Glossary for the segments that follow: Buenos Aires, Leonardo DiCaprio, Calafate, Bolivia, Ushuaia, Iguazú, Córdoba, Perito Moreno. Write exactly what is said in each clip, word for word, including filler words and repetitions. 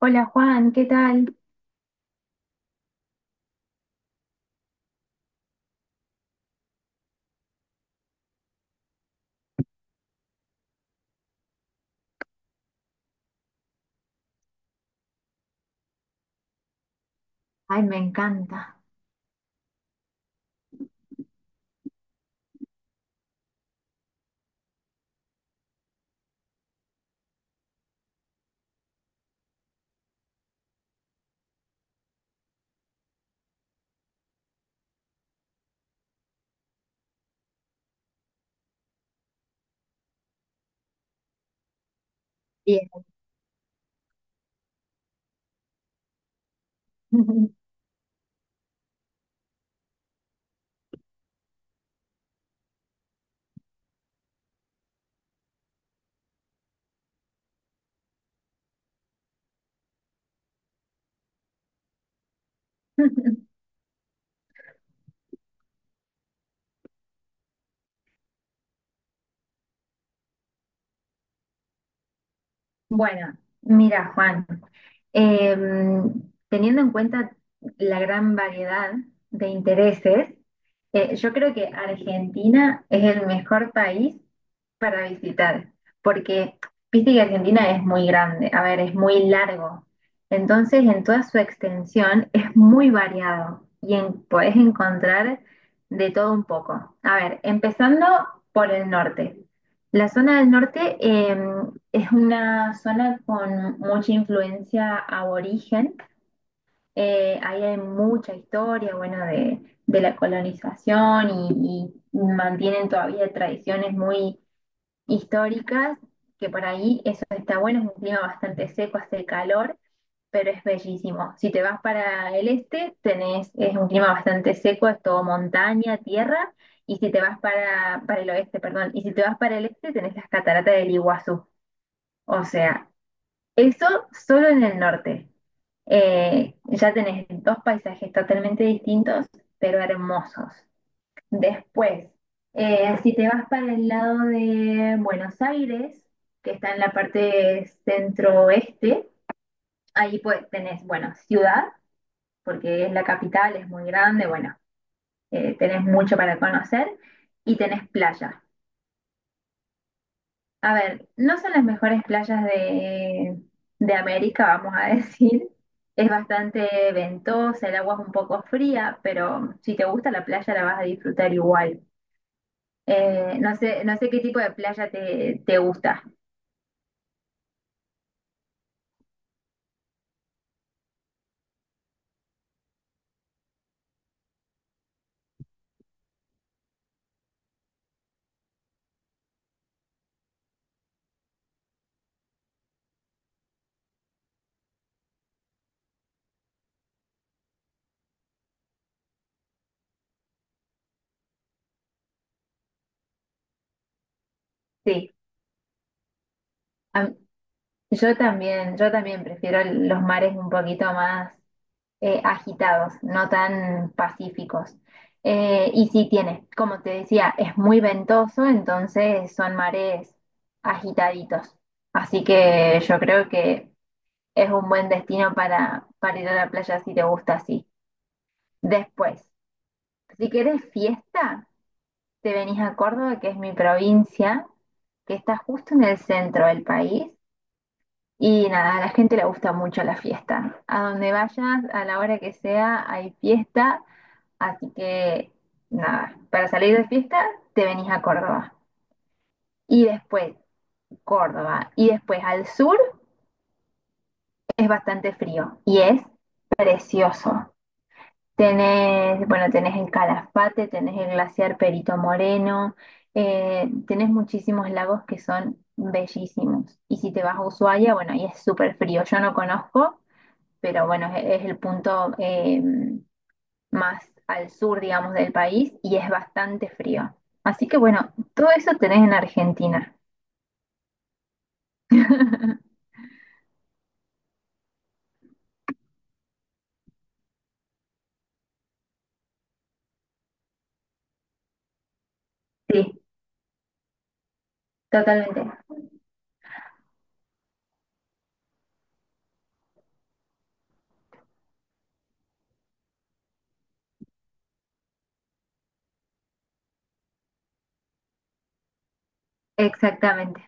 Hola Juan, ¿qué tal? Ay, me encanta. Bien. Bueno, mira Juan, em, teniendo en cuenta la gran variedad de intereses, eh, yo creo que Argentina es el mejor país para visitar, porque viste que Argentina es muy grande, a ver, es muy largo. Entonces, en toda su extensión es muy variado y en- podés encontrar de todo un poco. A ver, empezando por el norte. La zona del norte eh, es una zona con mucha influencia aborigen. Eh, ahí hay mucha historia, bueno, de, de la colonización y y mantienen todavía tradiciones muy históricas, que por ahí eso está bueno, es un clima bastante seco, hace calor, pero es bellísimo. Si te vas para el este, tenés, es un clima bastante seco, es todo montaña, tierra, y si te vas para, para el oeste, perdón, y si te vas para el este, tenés las cataratas del Iguazú. O sea, eso solo en el norte. Eh, ya tenés dos paisajes totalmente distintos, pero hermosos. Después, eh, si te vas para el lado de Buenos Aires, que está en la parte centro-oeste, ahí pues tenés, bueno, ciudad, porque es la capital, es muy grande, bueno, eh, tenés mucho para conocer y tenés playa. A ver, no son las mejores playas de, de América, vamos a decir. Es bastante ventosa, el agua es un poco fría, pero si te gusta la playa la vas a disfrutar igual. Eh, no sé, no sé qué tipo de playa te, te gusta. Sí, a m- yo también, yo también prefiero el- los mares un poquito más eh, agitados, no tan pacíficos. Eh, y sí tiene, como te decía, es muy ventoso, entonces son mares agitaditos. Así que yo creo que es un buen destino para, para ir a la playa si te gusta así. Después, si querés fiesta, te venís a Córdoba, que es mi provincia, que está justo en el centro del país. Y nada, a la gente le gusta mucho la fiesta. A donde vayas, a la hora que sea, hay fiesta. Así que nada, para salir de fiesta, te venís a Córdoba. Y después, Córdoba. Y después al sur es bastante frío y es precioso. Tenés, bueno, tenés el Calafate, tenés el glaciar Perito Moreno, eh, tenés muchísimos lagos que son bellísimos. Y si te vas a Ushuaia, bueno, ahí es súper frío. Yo no conozco, pero bueno, es, es el punto eh, más al sur, digamos, del país y es bastante frío. Así que bueno, todo eso tenés en Argentina. Sí, totalmente, exactamente.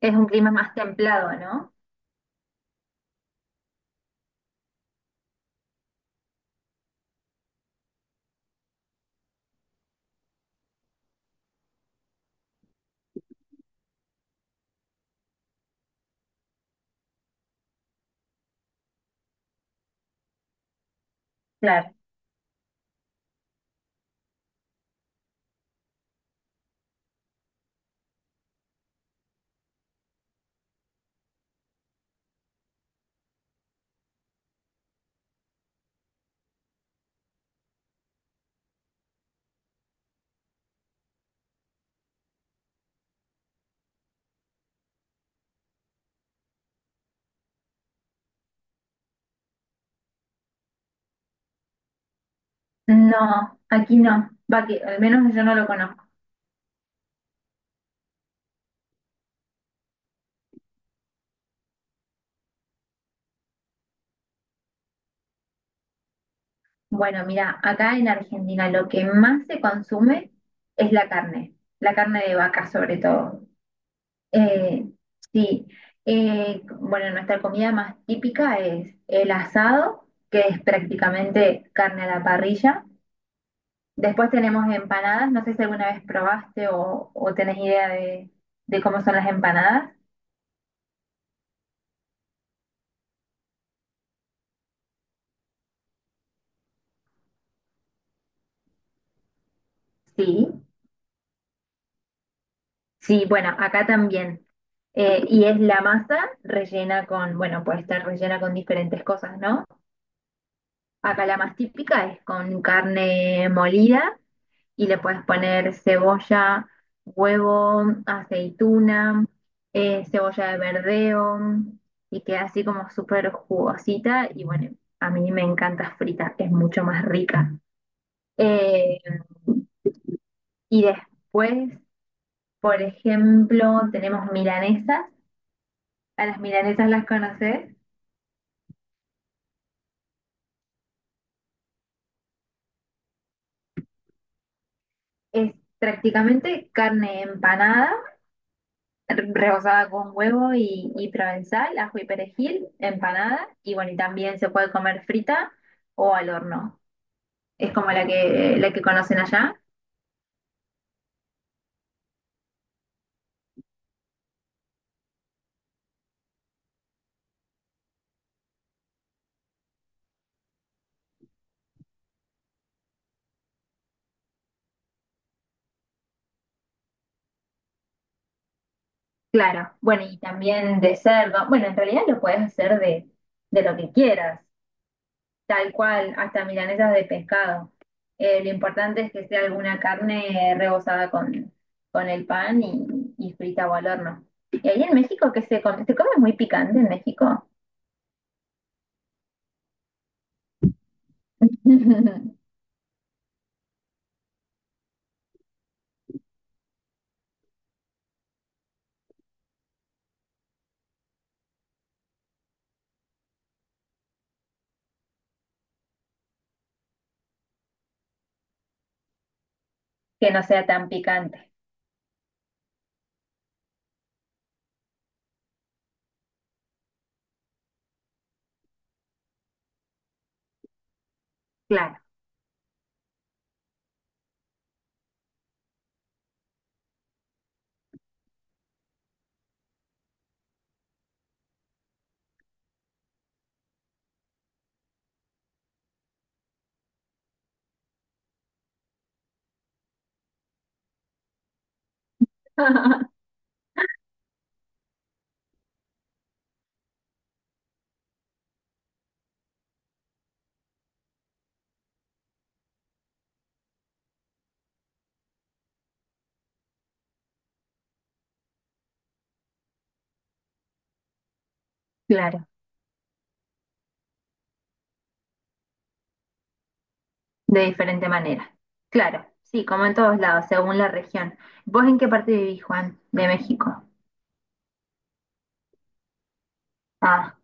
Es un clima más templado, ¿no? Claro. No, aquí no. Va que al menos yo no lo conozco. Bueno, mira, acá en Argentina lo que más se consume es la carne, la carne de vaca sobre todo. Eh, sí, eh, bueno, nuestra comida más típica es el asado, que es prácticamente carne a la parrilla. Después tenemos empanadas, no sé si alguna vez probaste o, o tenés idea de de cómo son las empanadas. Sí. Sí, bueno, acá también. Eh, y es la masa rellena con, bueno, puede estar rellena con diferentes cosas, ¿no? Acá la más típica es con carne molida y le puedes poner cebolla, huevo, aceituna, eh, cebolla de verdeo y queda así como súper jugosita y bueno, a mí me encanta frita, es mucho más rica. Eh, y después, por ejemplo, tenemos milanesa. A las milanesas las conoces. Es prácticamente carne empanada, re- rebozada con huevo y, y provenzal, ajo y perejil, empanada. Y bueno, y también se puede comer frita o al horno. Es como la que, la que conocen allá. Claro. Bueno, y también de cerdo. Bueno, en realidad lo puedes hacer de, de lo que quieras. Tal cual, hasta milanesas de pescado. Eh, lo importante es que sea alguna carne rebozada con, con el pan y, y frita o al horno. ¿Y ahí en México qué se come? ¿Se come muy picante en México? Que no sea tan picante. Claro, claro, de diferente manera. Claro, sí, como en todos lados, según la región. ¿Vos en qué parte vivís, Juan, de México? Ah,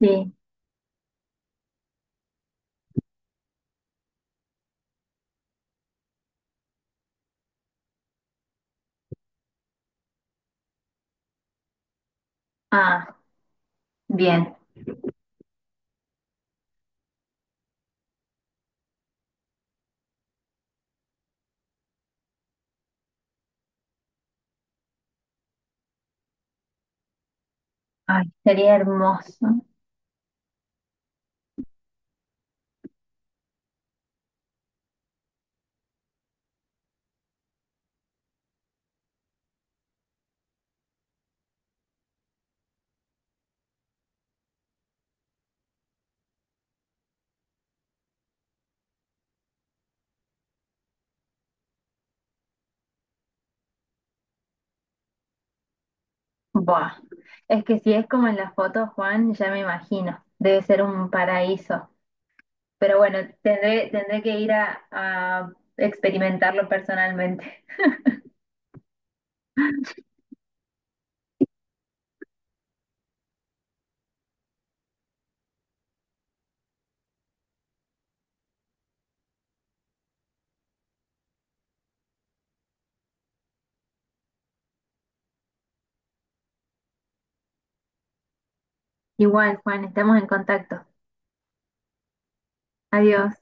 sí, ah, bien. Ay, sería hermoso. Buah, es que si es como en la foto, Juan, ya me imagino, debe ser un paraíso. Pero bueno, tendré, tendré que ir a, a experimentarlo personalmente. Igual, Juan, estamos en contacto. Adiós.